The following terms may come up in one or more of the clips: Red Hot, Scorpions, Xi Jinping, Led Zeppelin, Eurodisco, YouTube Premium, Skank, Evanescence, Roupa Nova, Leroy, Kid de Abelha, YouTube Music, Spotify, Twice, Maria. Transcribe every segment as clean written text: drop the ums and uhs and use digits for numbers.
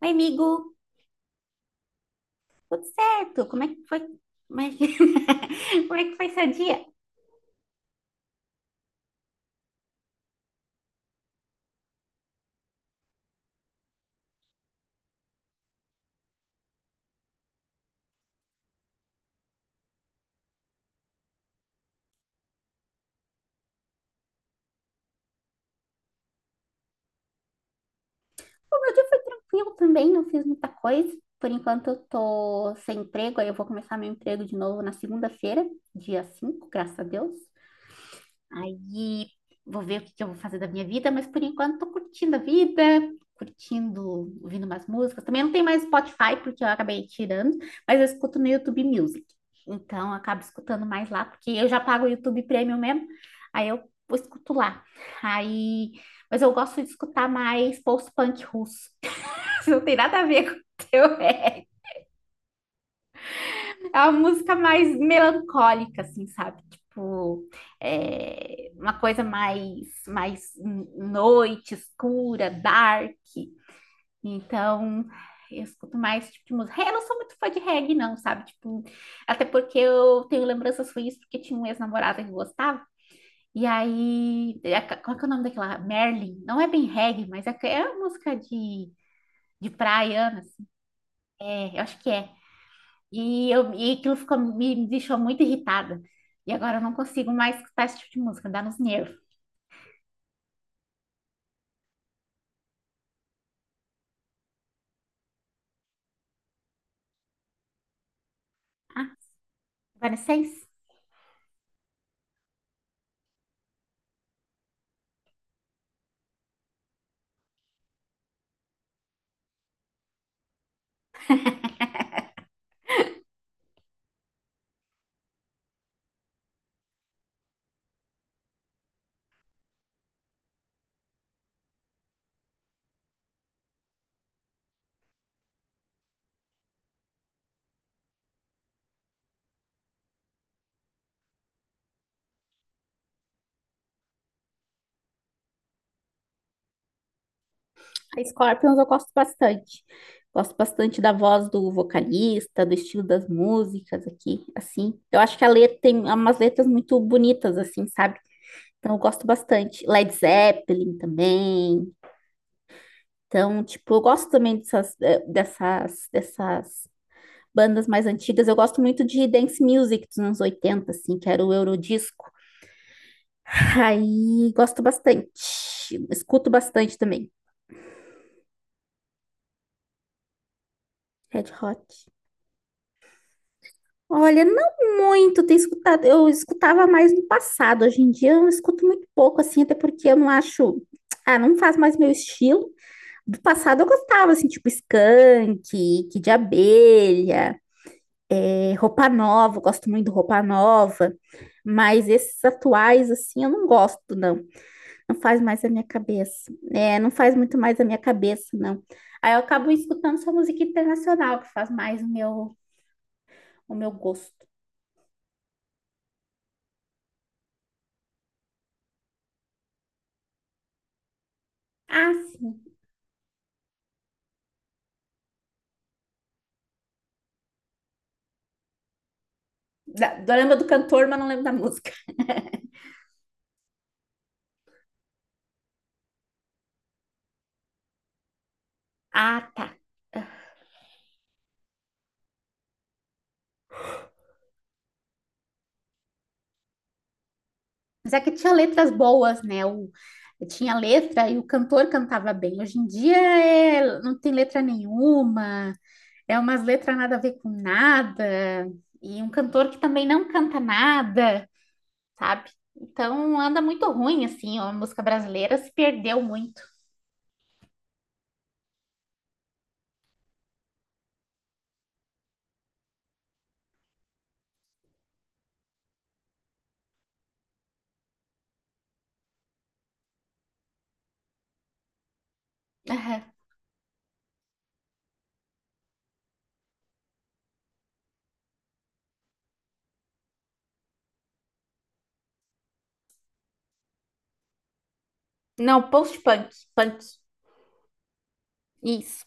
Oi, amigo, tudo certo? Como é que foi? Como é que, como é que foi seu dia? O meu dia foi tranquilo também, não fiz muita coisa. Por enquanto eu tô sem emprego, aí eu vou começar meu emprego de novo na segunda-feira, dia cinco, graças a Deus. Aí vou ver o que que eu vou fazer da minha vida, mas por enquanto tô curtindo a vida, curtindo, ouvindo umas músicas. Também não tem mais Spotify, porque eu acabei tirando, mas eu escuto no YouTube Music. Então, eu acabo escutando mais lá, porque eu já pago o YouTube Premium mesmo, aí eu escuto lá. Aí, mas eu gosto de escutar mais post-punk russo. Não tem nada a ver com o teu, é uma música mais melancólica, assim, sabe? Tipo, é uma coisa mais noite, escura, dark. Então, eu escuto mais tipo de música. Eu não sou muito fã de reggae, não, sabe? Tipo, até porque eu tenho lembranças ruins, porque tinha um ex-namorado que gostava. E aí, é, qual que é o nome daquela? Merlin. Não é bem reggae, mas é uma música de praia, Ana. É, eu acho que é. E, eu, e aquilo ficou, me deixou muito irritada. E agora eu não consigo mais escutar esse tipo de música, dá nos nervos. Ah, Evanescence? Scorpions eu gosto bastante. Gosto bastante da voz do vocalista, do estilo das músicas aqui, assim. Eu acho que a letra tem umas letras muito bonitas, assim, sabe? Então eu gosto bastante. Led Zeppelin também. Então, tipo, eu gosto também dessas, dessas bandas mais antigas. Eu gosto muito de dance music dos anos 80, assim, que era o Eurodisco. Aí gosto bastante. Escuto bastante também. Red Hot. Olha, não muito tenho escutado. Eu escutava mais no passado. Hoje em dia eu escuto muito pouco, assim, até porque eu não acho. Ah, não faz mais meu estilo. Do passado eu gostava, assim, tipo Skank, Kid de Abelha, é, Roupa Nova, eu gosto muito do Roupa Nova. Mas esses atuais, assim, eu não gosto, não. Não faz mais a minha cabeça. É, não faz muito mais a minha cabeça, não. Aí eu acabo escutando só música internacional, que faz mais o meu gosto. Ah, sim. Da, eu lembro do cantor, mas não lembro da música. Ah, tá. Mas é que tinha letras boas, né? O, tinha letra e o cantor cantava bem. Hoje em dia é, não tem letra nenhuma, é umas letras nada a ver com nada. E um cantor que também não canta nada, sabe? Então anda muito ruim, assim, ó, a música brasileira se perdeu muito. Aham. Não, post-punk, punk, isso.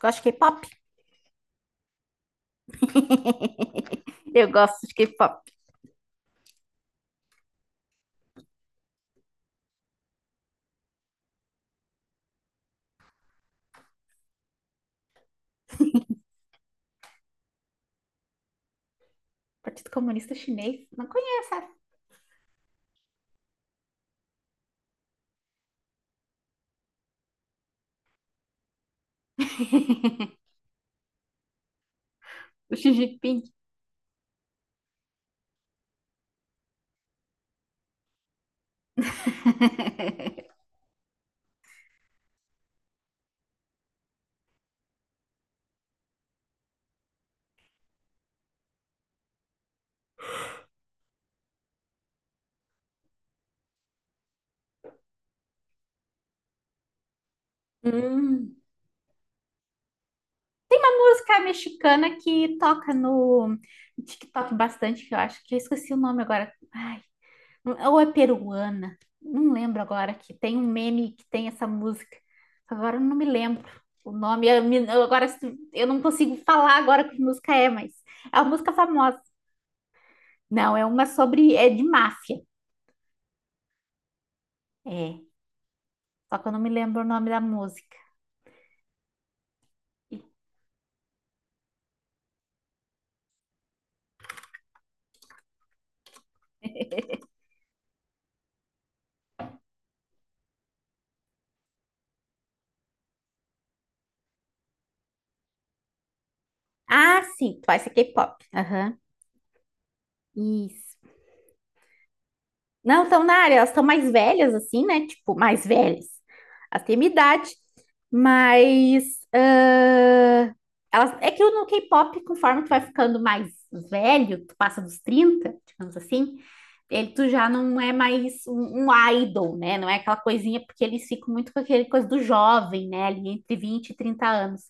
Gosto de K-pop? Eu gosto de K-pop. Partido Comunista Chinês, não conheço essa. O Xi Jinping. Hum. Música mexicana que toca no TikTok bastante, que eu acho que eu esqueci o nome agora. Ai, ou é peruana, não lembro agora, que tem um meme que tem essa música. Agora eu não me lembro o nome. Eu, me- eu agora se- eu não consigo falar agora que música é, mas é uma música famosa. Não, é uma sobre, é de máfia. É, só que eu não me lembro o nome da música. Ah, sim, Twice é K-pop. Aham. Isso. Não estão na área, elas estão mais velhas, assim, né? Tipo, mais velhas. Elas têm minha idade, mas ah, elas, é que no K-pop, conforme tu vai ficando mais velho, tu passa dos 30, digamos assim, ele, tu já não é mais um, um idol, né? Não é aquela coisinha, porque eles ficam muito com aquele coisa do jovem, né? Ali entre 20 e 30 anos.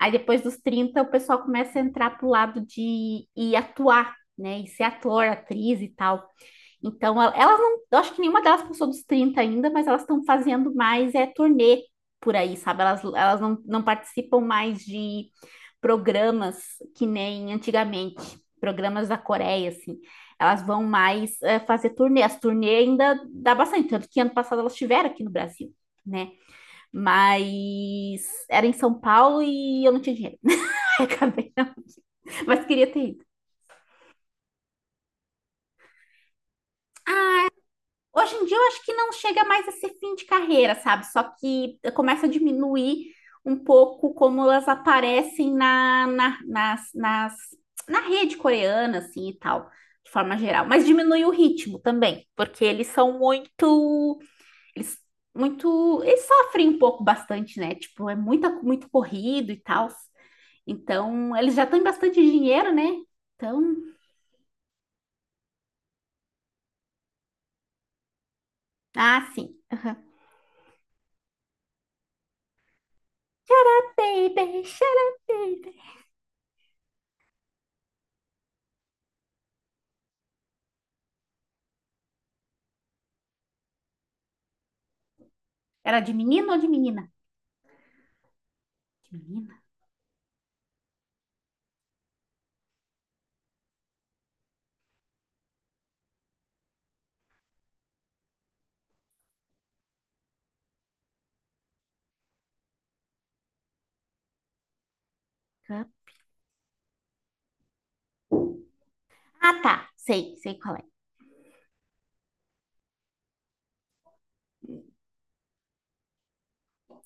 Aí depois dos 30 o pessoal começa a entrar pro lado de ir atuar, né? E ser ator, atriz e tal. Então, el- elas não, eu acho que nenhuma delas passou dos 30 ainda, mas elas estão fazendo mais é turnê por aí, sabe? Elas não, não participam mais de programas que nem antigamente, programas da Coreia, assim. Elas vão mais é, fazer turnê. As turnê ainda dá bastante, tanto que ano passado elas estiveram aqui no Brasil, né? Mas era em São Paulo e eu não tinha dinheiro. Acabei não, mas queria ter ido. Hoje em dia eu acho que não chega mais a ser fim de carreira, sabe? Só que começa a diminuir um pouco como elas aparecem nas na rede coreana, assim, e tal, de forma geral. Mas diminui o ritmo também, porque eles são Eles, muito, eles sofrem um pouco bastante, né? Tipo, é muita, muito corrido e tal. Então, eles já têm bastante dinheiro, né? Então, ah, sim. Aham. Baby, shut up. Era de menino ou de menina? De menina. Cup. Ah, tá. Sei, sei qual é.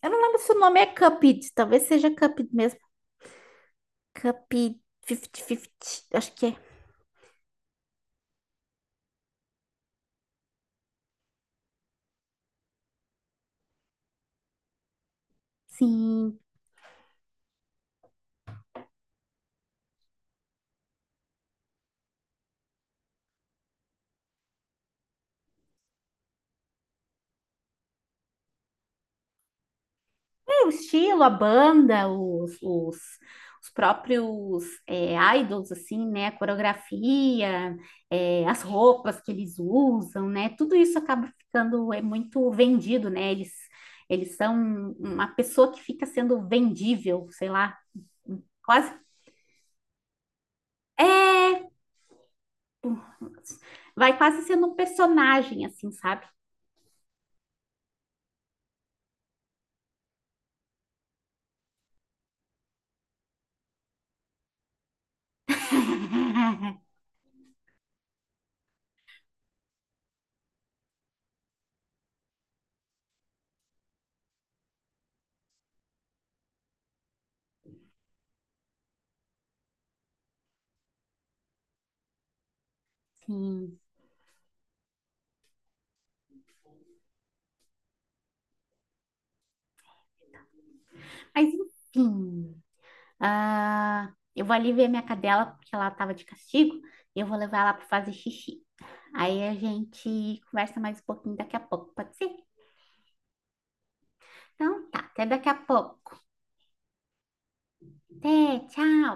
Eu não lembro se o nome é Cupid. Talvez seja Cupid mesmo. Cupid 50-50. Acho que é. Sim. É, o estilo, a banda, os próprios é, idols, assim, né? A coreografia, é, as roupas que eles usam, né? Tudo isso acaba ficando é, muito vendido, né? Eles são uma pessoa que fica sendo vendível, sei lá, quase. Vai quase sendo um personagem, assim, sabe? Sim. Mas enfim. Ah, eu vou ali ver minha cadela, porque ela tava de castigo. E eu vou levar ela para fazer xixi. Aí a gente conversa mais um pouquinho daqui a pouco, pode ser? Então tá, até daqui a pouco. Até, tchau.